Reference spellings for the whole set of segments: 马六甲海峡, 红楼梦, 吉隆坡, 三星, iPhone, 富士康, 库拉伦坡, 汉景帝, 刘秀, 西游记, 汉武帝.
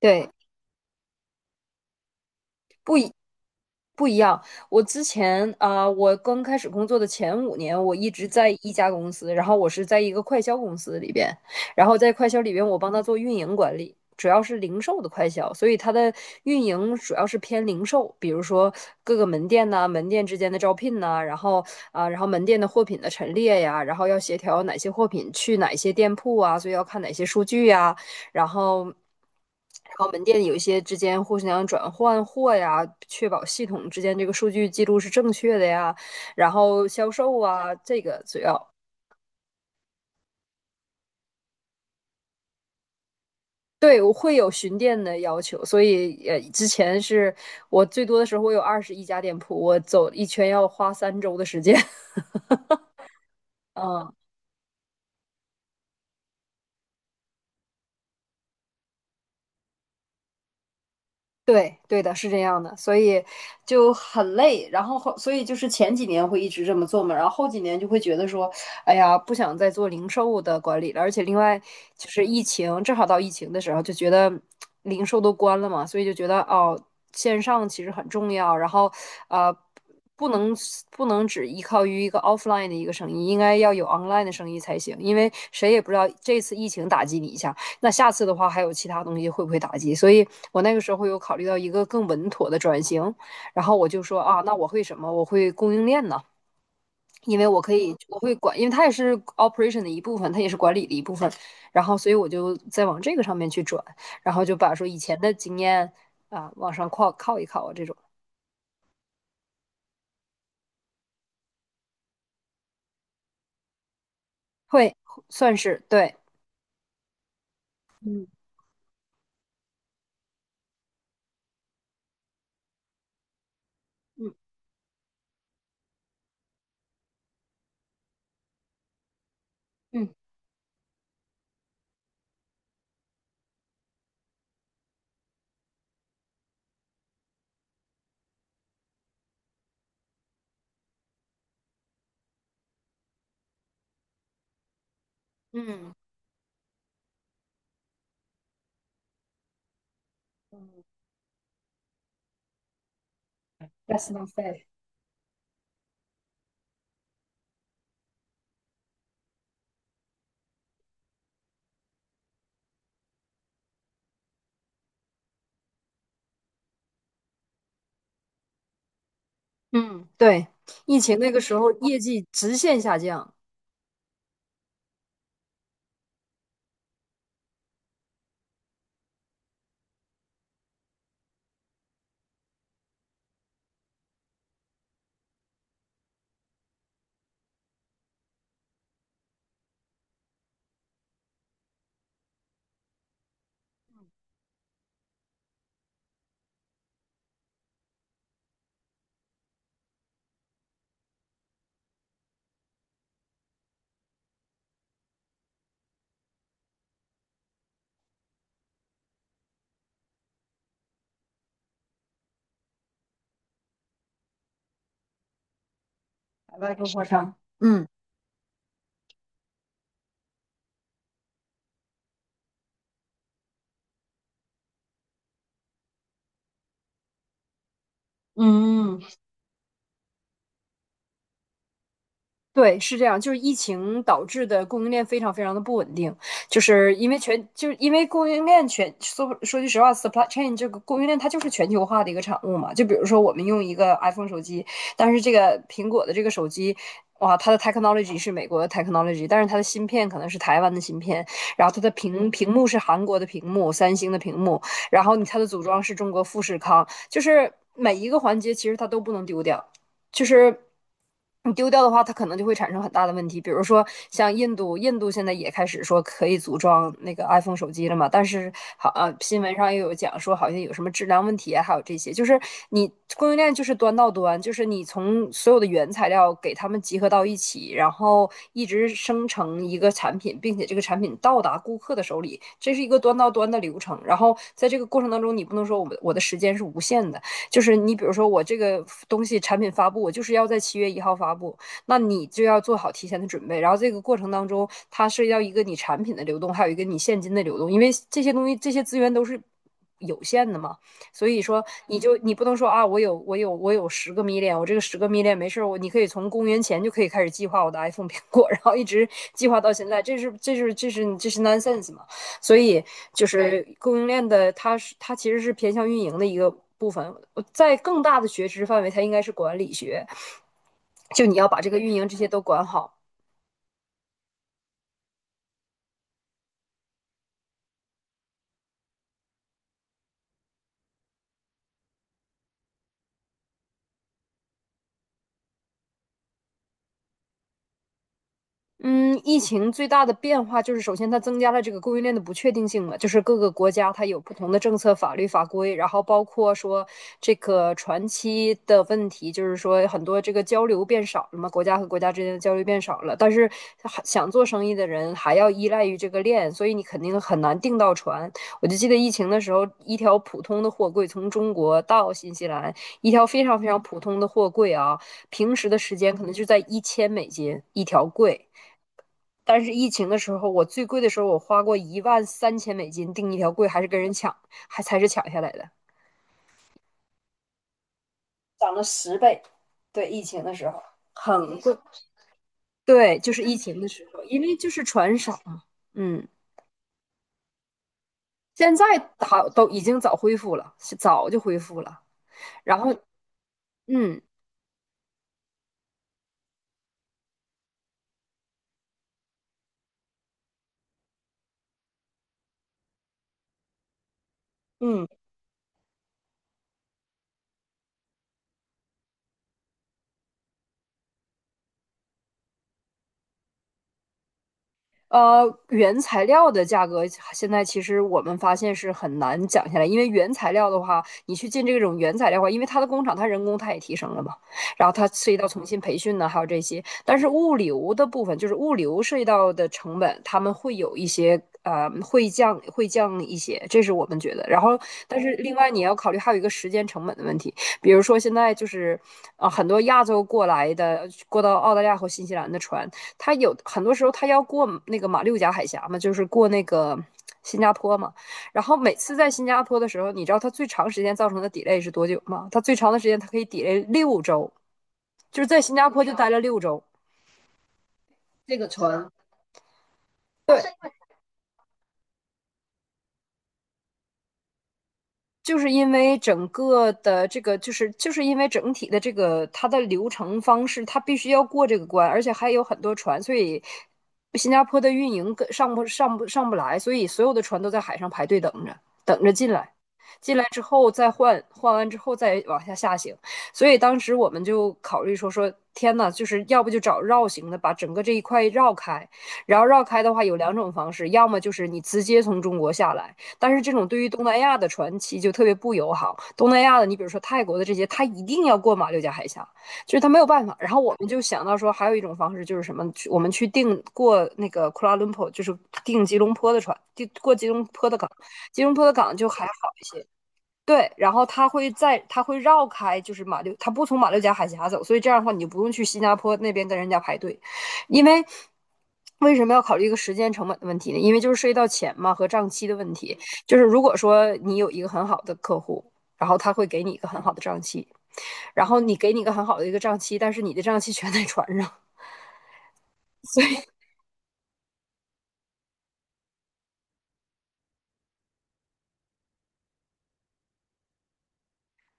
对，不一样。我之前啊、呃我刚开始工作的前5年，我一直在一家公司，然后我是在一个快销公司里边，然后在快销里边，我帮他做运营管理，主要是零售的快销，所以它的运营主要是偏零售，比如说各个门店呐、门店之间的招聘呐、然后门店的货品的陈列呀，然后要协调哪些货品去哪些店铺啊，所以要看哪些数据呀，然后门店有一些之间互相转换货呀，确保系统之间这个数据记录是正确的呀，然后销售啊，这个主要。对，我会有巡店的要求，所以之前是我最多的时候，我有21家店铺，我走一圈要花3周的时间。嗯，对，对的，是这样的，所以就很累。然后后，所以就是前几年会一直这么做嘛，然后后几年就会觉得说，哎呀，不想再做零售的管理了。而且另外就是疫情，正好到疫情的时候，就觉得零售都关了嘛，所以就觉得哦，线上其实很重要。然后，呃，不能不能只依靠于一个 offline 的一个生意，应该要有 online 的生意才行，因为谁也不知道这次疫情打击你一下。那下次的话还有其他东西会不会打击？所以我那个时候有考虑到一个更稳妥的转型，然后我就说啊，那我会什么？我会供应链呢，因为我可以，我会管，因为它也是 operation 的一部分，它也是管理的一部分。然后，所以我就再往这个上面去转，然后就把说以前的经验啊往上靠靠一靠啊，这种会算是对，嗯嗯嗯嗯嗯嗯，对，疫情那个时候业绩直线下降，百万供货商，嗯。嗯，对，是这样，就是疫情导致的供应链非常非常的不稳定，就是因为全，就是因为供应链说句实话，supply chain 这个供应链它就是全球化的一个产物嘛。就比如说我们用一个 iPhone 手机，但是这个苹果的这个手机，哇，它的 technology 是美国的 technology，但是它的芯片可能是台湾的芯片，然后它的屏幕是韩国的屏幕，三星的屏幕，然后它的组装是中国富士康，就是每一个环节其实它都不能丢掉。就是你丢掉的话，它可能就会产生很大的问题。比如说像印度，印度现在也开始说可以组装那个 iPhone 手机了嘛，但是新闻上又有讲说好像有什么质量问题啊，还有这些，就是你供应链就是端到端，就是你从所有的原材料给他们集合到一起，然后一直生成一个产品，并且这个产品到达顾客的手里，这是一个端到端的流程。然后在这个过程当中，你不能说我的时间是无限的。就是你比如说我这个东西产品发布，我就是要在7月1号发布，那你就要做好提前的准备。然后这个过程当中，它涉及到一个你产品的流动，还有一个你现金的流动，因为这些东西这些资源都是。有限的嘛，所以说你不能说啊，我有十个 m 恋，我这个十个 m 恋没事你可以从公元前就可以开始计划我的 iPhone 苹果，然后一直计划到现在，这是 nonsense 嘛？所以就是供应链的，它其实是偏向运营的一个部分。在更大的学知范围，它应该是管理学，就你要把这个运营这些都管好。嗯，疫情最大的变化就是，首先它增加了这个供应链的不确定性嘛，就是各个国家它有不同的政策、法律法规，然后包括说这个船期的问题，就是说很多这个交流变少了嘛，国家和国家之间的交流变少了，但是还想做生意的人还要依赖于这个链，所以你肯定很难订到船。我就记得疫情的时候，一条普通的货柜从中国到新西兰，一条非常非常普通的货柜啊，平时的时间可能就在1000美金一条柜。但是疫情的时候，我最贵的时候，我花过13,000美金订一条贵，还是跟人抢，还才是抢下来的，涨了10倍。对，疫情的时候很贵。对，就是疫情的时候，因为就是船少嘛。嗯，现在好都已经早恢复了，是早就恢复了。然后，嗯嗯。原材料的价格现在其实我们发现是很难讲下来，因为原材料的话，你去进这种原材料的话，因为它的工厂它人工它也提升了嘛，然后它涉及到重新培训呢，还有这些。但是物流的部分，就是物流涉及到的成本，他们会有一些会降一些，这是我们觉得。然后，但是另外你要考虑还有一个时间成本的问题，比如说现在就是很多亚洲过来的过到澳大利亚和新西兰的船，他有很多时候他要过那个马六甲海峡嘛，就是过那个新加坡嘛。然后每次在新加坡的时候，你知道他最长时间造成的 delay 是多久吗？他最长的时间他可以 delay 六周，就是在新加坡就待了六周。这个船对就是因为整个的这个，就是因为整体的这个它的流程方式，它必须要过这个关，而且还有很多船，所以新加坡的运营跟上不上不上不来，所以所有的船都在海上排队等着，等着进来，进来之后再换，换完之后再往下行。所以当时我们就考虑说，天呐，就是要不就找绕行的，把整个这一块绕开，然后绕开的话有两种方式，要么就是你直接从中国下来。但是这种对于东南亚的船期就特别不友好。东南亚的，你比如说泰国的这些，他一定要过马六甲海峡，就是他没有办法。然后我们就想到说，还有一种方式就是什么？我们去订过那个库拉伦坡，就是订吉隆坡的船，订过吉隆坡的港。吉隆坡的港就还好一些，对，然后他会绕开，就是马六，他不从马六甲海峡走，所以这样的话，你就不用去新加坡那边跟人家排队，因为为什么要考虑一个时间成本的问题呢？因为就是涉及到钱嘛和账期的问题，就是如果说你有一个很好的客户。然后他会给你一个很好的账期，然后给你一个很好的账期，但是你的账期全在船上，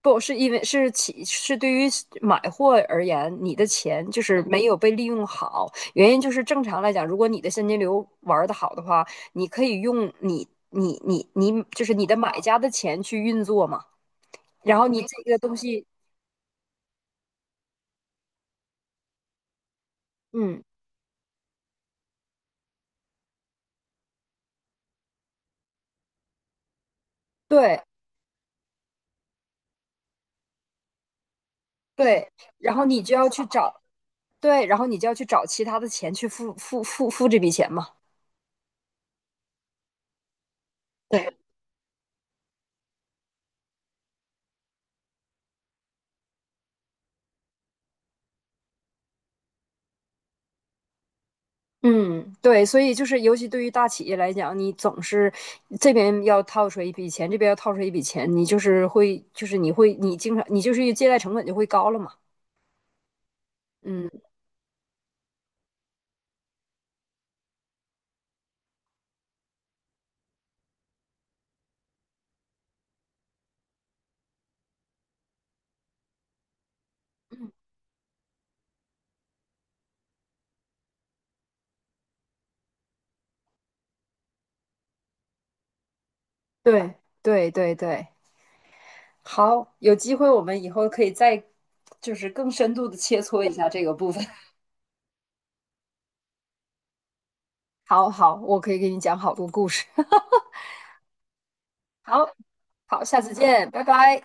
不是因为是起是对于买货而言，你的钱就是没有被利用好。原因就是正常来讲，如果你的现金流玩得好的话，你可以用你你你你就是你的买家的钱去运作嘛。然后你这个东西，嗯，对对，然后你就要去找，对，然后你就要去找其他的钱去付这笔钱嘛。对。嗯，对，所以就是尤其对于大企业来讲，你总是这边要套出来一笔钱，这边要套出来一笔钱，你就是会，就是你会，你经常，你就是借贷成本就会高了嘛。嗯，对，对，对，对。好，有机会我们以后可以再就是更深度的切磋一下这个部分。好好，我可以给你讲好多故事。好，好，下次见，拜拜。